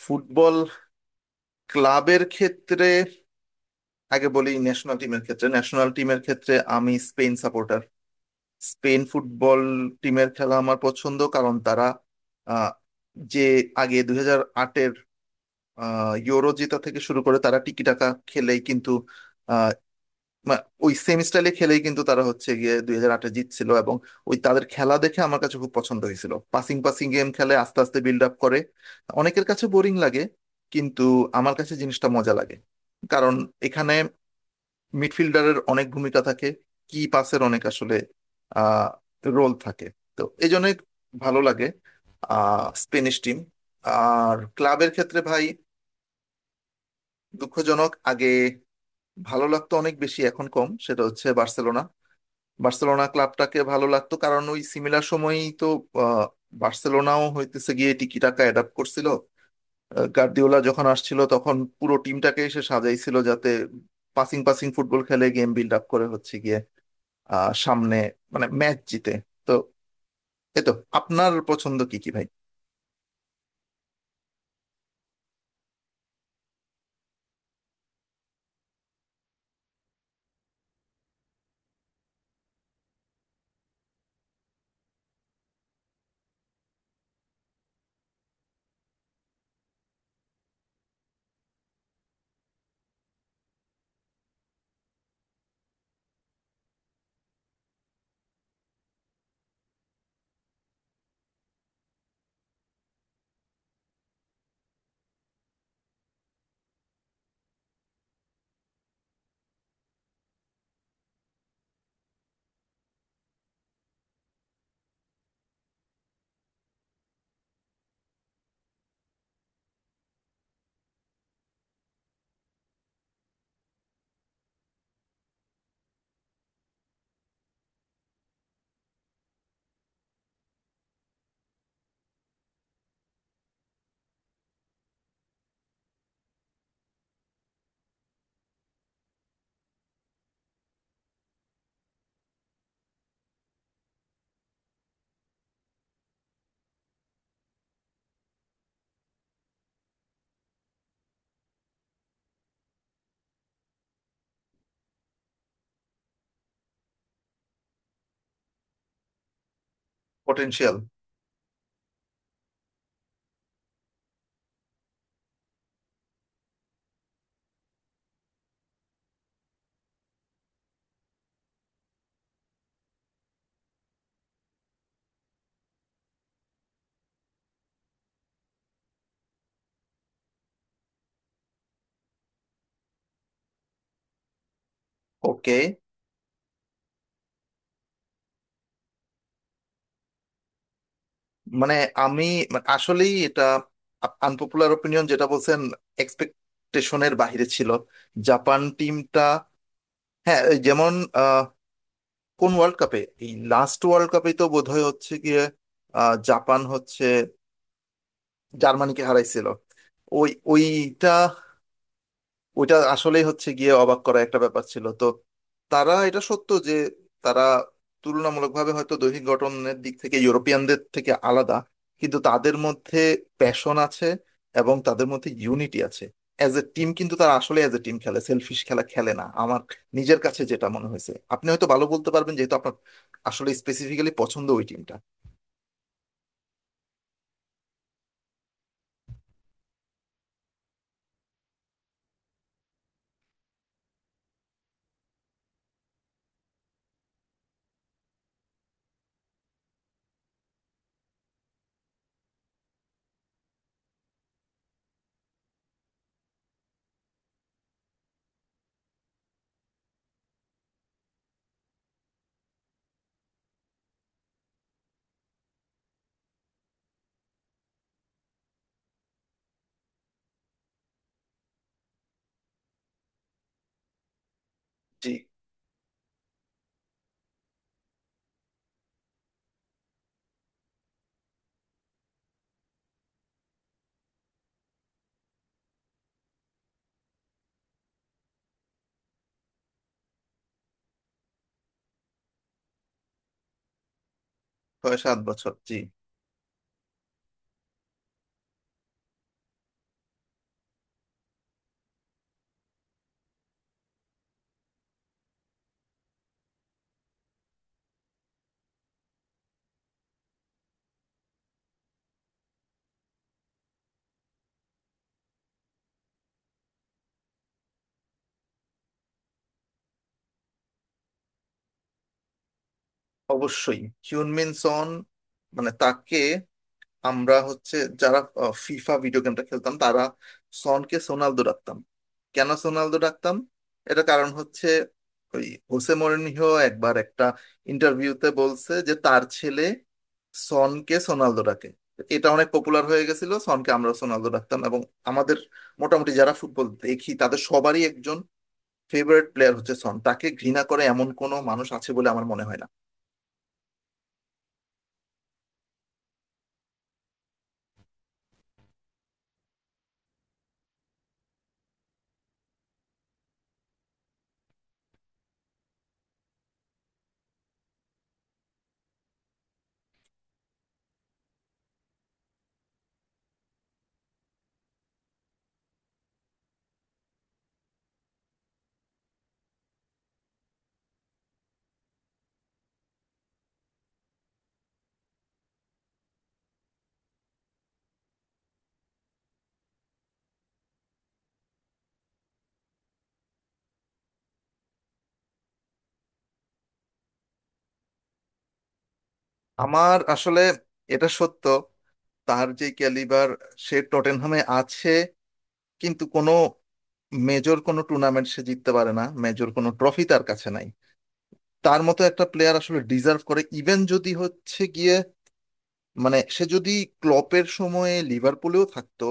Football ক্লাবের ক্ষেত্রে আগে বলি। ন্যাশনাল টিমের ক্ষেত্রে আমি স্পেন সাপোর্টার। স্পেন ফুটবল টিমের খেলা আমার পছন্দ, কারণ তারা আহ, যে আগে 2008-এর ইউরো জেতা থেকে শুরু করে তারা টিকি টাকা খেলেই কিন্তু ওই সেম স্টাইলে খেলেই কিন্তু তারা হচ্ছে গিয়ে 2008-এ জিতছিল। এবং ওই তাদের খেলা দেখে আমার কাছে খুব পছন্দ হয়েছিল, পাসিং পাসিং গেম খেলে আস্তে আস্তে বিল্ড আপ করে। অনেকের কাছে বোরিং লাগে, কিন্তু আমার কাছে জিনিসটা মজা লাগে, কারণ এখানে মিডফিল্ডারের অনেক ভূমিকা থাকে, কি পাসের অনেক আসলে আহ রোল থাকে। তো এই জন্য ভালো লাগে স্পেনিশ টিম। আর ক্লাবের ক্ষেত্রে ভাই, দুঃখজনক, আগে ভালো লাগতো অনেক বেশি, এখন কম, সেটা হচ্ছে বার্সেলোনা। বার্সেলোনা ক্লাবটাকে ভালো লাগতো, কারণ ওই সিমিলার সময়ই তো আহ, বার্সেলোনাও হইতেছে গিয়ে টিকিটাকা অ্যাডাপ্ট করছিল। গার্দিওলা যখন আসছিল তখন পুরো টিমটাকে এসে সাজাইছিল যাতে পাসিং পাসিং ফুটবল খেলে গেম বিল্ড আপ করে হচ্ছে গিয়ে সামনে মানে ম্যাচ জিতে। তো এই তো। আপনার পছন্দ কি কি ভাই? পটেনশিয়াল। ওকে। মানে আমি, মানে আসলেই এটা আনপপুলার ওপিনিয়ন যেটা বলছেন, এক্সপেক্টেশনের বাইরে ছিল জাপান টিমটা। হ্যাঁ, এই যেমন কোন ওয়ার্ল্ড কাপে, এই লাস্ট ওয়ার্ল্ড কাপে তো বোধহয় হচ্ছে গিয়ে জাপান হচ্ছে জার্মানিকে হারাইছিল। ওইটা ওইটা আসলেই হচ্ছে গিয়ে অবাক করা একটা ব্যাপার ছিল। তো তারা, এটা সত্য যে তারা তুলনামূলকভাবে হয়তো দৈহিক গঠনের দিক থেকে ইউরোপিয়ানদের থেকে আলাদা, কিন্তু তাদের মধ্যে প্যাশন আছে এবং তাদের মধ্যে ইউনিটি আছে অ্যাজ এ টিম। কিন্তু তারা আসলে অ্যাজ এ টিম খেলে, সেলফিশ খেলা খেলে না, আমার নিজের কাছে যেটা মনে হয়েছে। আপনি হয়তো ভালো বলতে পারবেন যেহেতু আপনার আসলে স্পেসিফিক্যালি পছন্দ ওই টিমটা। জি। 6-7 বছর, জি। অবশ্যই, হিউনমিন সন। মানে তাকে আমরা হচ্ছে যারা ফিফা ভিডিও গেমটা খেলতাম তারা সনকে সোনালদো ডাকতাম। কেন সোনালদো ডাকতাম? এটা কারণ হচ্ছে ওই হোসে মরিনহো একবার একটা ইন্টারভিউতে বলছে যে তার ছেলে সনকে সোনালদো ডাকে। এটা অনেক পপুলার হয়ে গেছিল, সনকে আমরা সোনালদো ডাকতাম। এবং আমাদের মোটামুটি যারা ফুটবল দেখি তাদের সবারই একজন ফেভারিট প্লেয়ার হচ্ছে সন। তাকে ঘৃণা করে এমন কোনো মানুষ আছে বলে আমার মনে হয় না। আমার আসলে, এটা সত্য, তার যে ক্যালিবার, সে টটেনহামে আছে কিন্তু কোনো মেজর কোনো টুর্নামেন্ট সে জিততে পারে না, মেজর কোনো ট্রফি তার কাছে নাই। তার মতো একটা প্লেয়ার আসলে ডিজার্ভ করে, ইভেন যদি হচ্ছে গিয়ে মানে সে যদি ক্লপের সময়ে লিভারপুলেও থাকতো,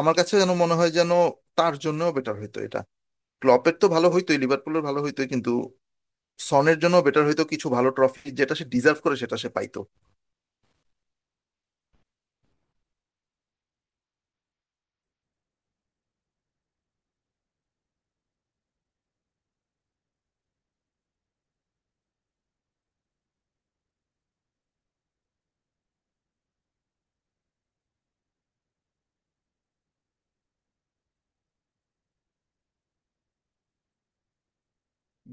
আমার কাছে যেন মনে হয় যেন তার জন্য বেটার হইতো এটা। ক্লপের তো ভালো হইতোই, লিভারপুলের ভালো হইতো, কিন্তু সনের জন্য বেটার হইতো, কিছু ভালো ট্রফি যেটা সে ডিজার্ভ করে সেটা সে পাইতো।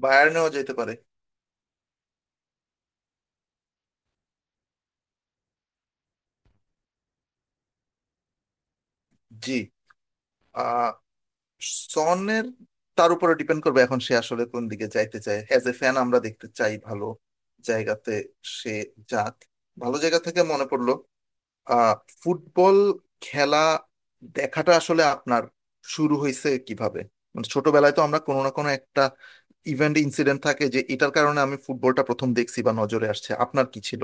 বায়ার্নেও যেতে পারে। জি। আহ সনের, তার উপরে ডিপেন্ড করবে এখন সে আসলে কোন দিকে যাইতে চায়। অ্যাজ এ ফ্যান আমরা দেখতে চাই ভালো জায়গাতে সে যাক। ভালো জায়গা থেকে মনে পড়লো, আহ ফুটবল খেলা দেখাটা আসলে আপনার শুরু হয়েছে কিভাবে? মানে ছোটবেলায় তো আমরা, কোনো না কোনো একটা ইভেন্ট ইনসিডেন্ট থাকে যে এটার কারণে আমি ফুটবলটা প্রথম দেখছি বা নজরে আসছে, আপনার কি ছিল?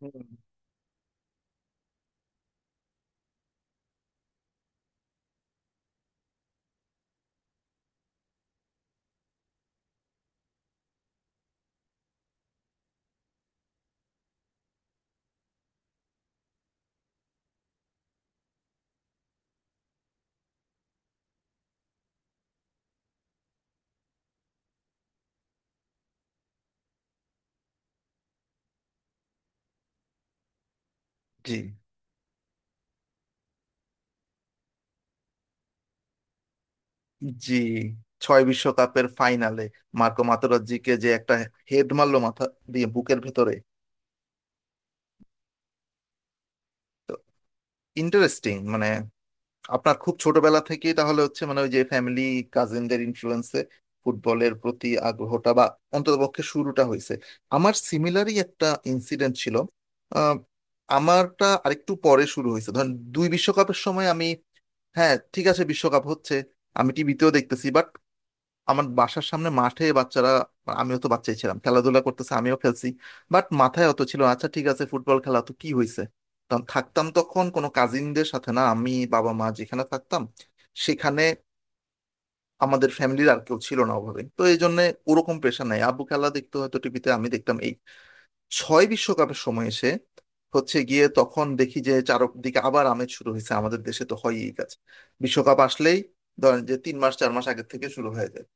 হুম। জি। জি। 2006 বিশ্বকাপের ফাইনালে মার্কো মাতেরাজ্জিকে যে একটা হেড মারলো মাথা দিয়ে বুকের ভেতরে। তো ইন্টারেস্টিং, মানে আপনার খুব ছোটবেলা থেকেই তাহলে হচ্ছে মানে ওই যে ফ্যামিলি কাজিনদের ইনফ্লুয়েন্সে ফুটবলের প্রতি আগ্রহটা বা অন্ততপক্ষে শুরুটা হয়েছে। আমার সিমিলারই একটা ইনসিডেন্ট ছিল। আহ, আমারটা আরেকটু পরে শুরু হয়েছে, ধরেন 2002 বিশ্বকাপের সময় আমি, হ্যাঁ ঠিক আছে বিশ্বকাপ হচ্ছে, আমি টিভিতেও দেখতেছি, বাট আমার বাসার সামনে মাঠে বাচ্চারা, আমিও তো বাচ্চাই ছিলাম, খেলাধুলা করতেছে আমিও খেলছি, বাট মাথায় অত ছিল না, আচ্ছা ঠিক আছে ফুটবল খেলা তো কি হয়েছে। তখন থাকতাম, তখন কোনো কাজিনদের সাথে না, আমি বাবা মা যেখানে থাকতাম সেখানে আমাদের ফ্যামিলির আর কেউ ছিল না অভাবে, তো এই জন্য ওরকম প্রেশার নাই। আব্বু খেলা দেখতো হয়তো টিভিতে আমি দেখতাম। এই 2006 বিশ্বকাপের সময় এসে হচ্ছে গিয়ে তখন দেখি যে চারদিকে আবার আমেজ শুরু হয়েছে, আমাদের দেশে তো হয়ই এই কাজ, বিশ্বকাপ আসলেই ধরেন যে 3 মাস 4 মাস আগের থেকে শুরু হয়ে যায়।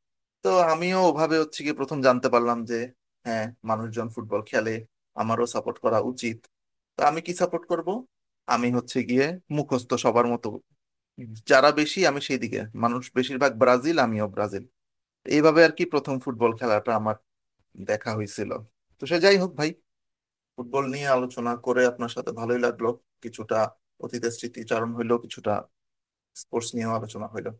তো আমিও ওভাবে হচ্ছে কি প্রথম জানতে পারলাম যে হ্যাঁ মানুষজন ফুটবল খেলে, আমারও সাপোর্ট করা উচিত। তো আমি কি সাপোর্ট করব? আমি হচ্ছে গিয়ে মুখস্থ সবার মতো, যারা বেশি আমি সেই দিকে, মানুষ বেশিরভাগ ব্রাজিল আমিও ব্রাজিল। এইভাবে আর কি প্রথম ফুটবল খেলাটা আমার দেখা হয়েছিল। তো সে যাই হোক ভাই, ফুটবল নিয়ে আলোচনা করে আপনার সাথে ভালোই লাগলো, কিছুটা অতীতের স্মৃতিচারণ হইলো, কিছুটা স্পোর্টস নিয়েও আলোচনা হইলো।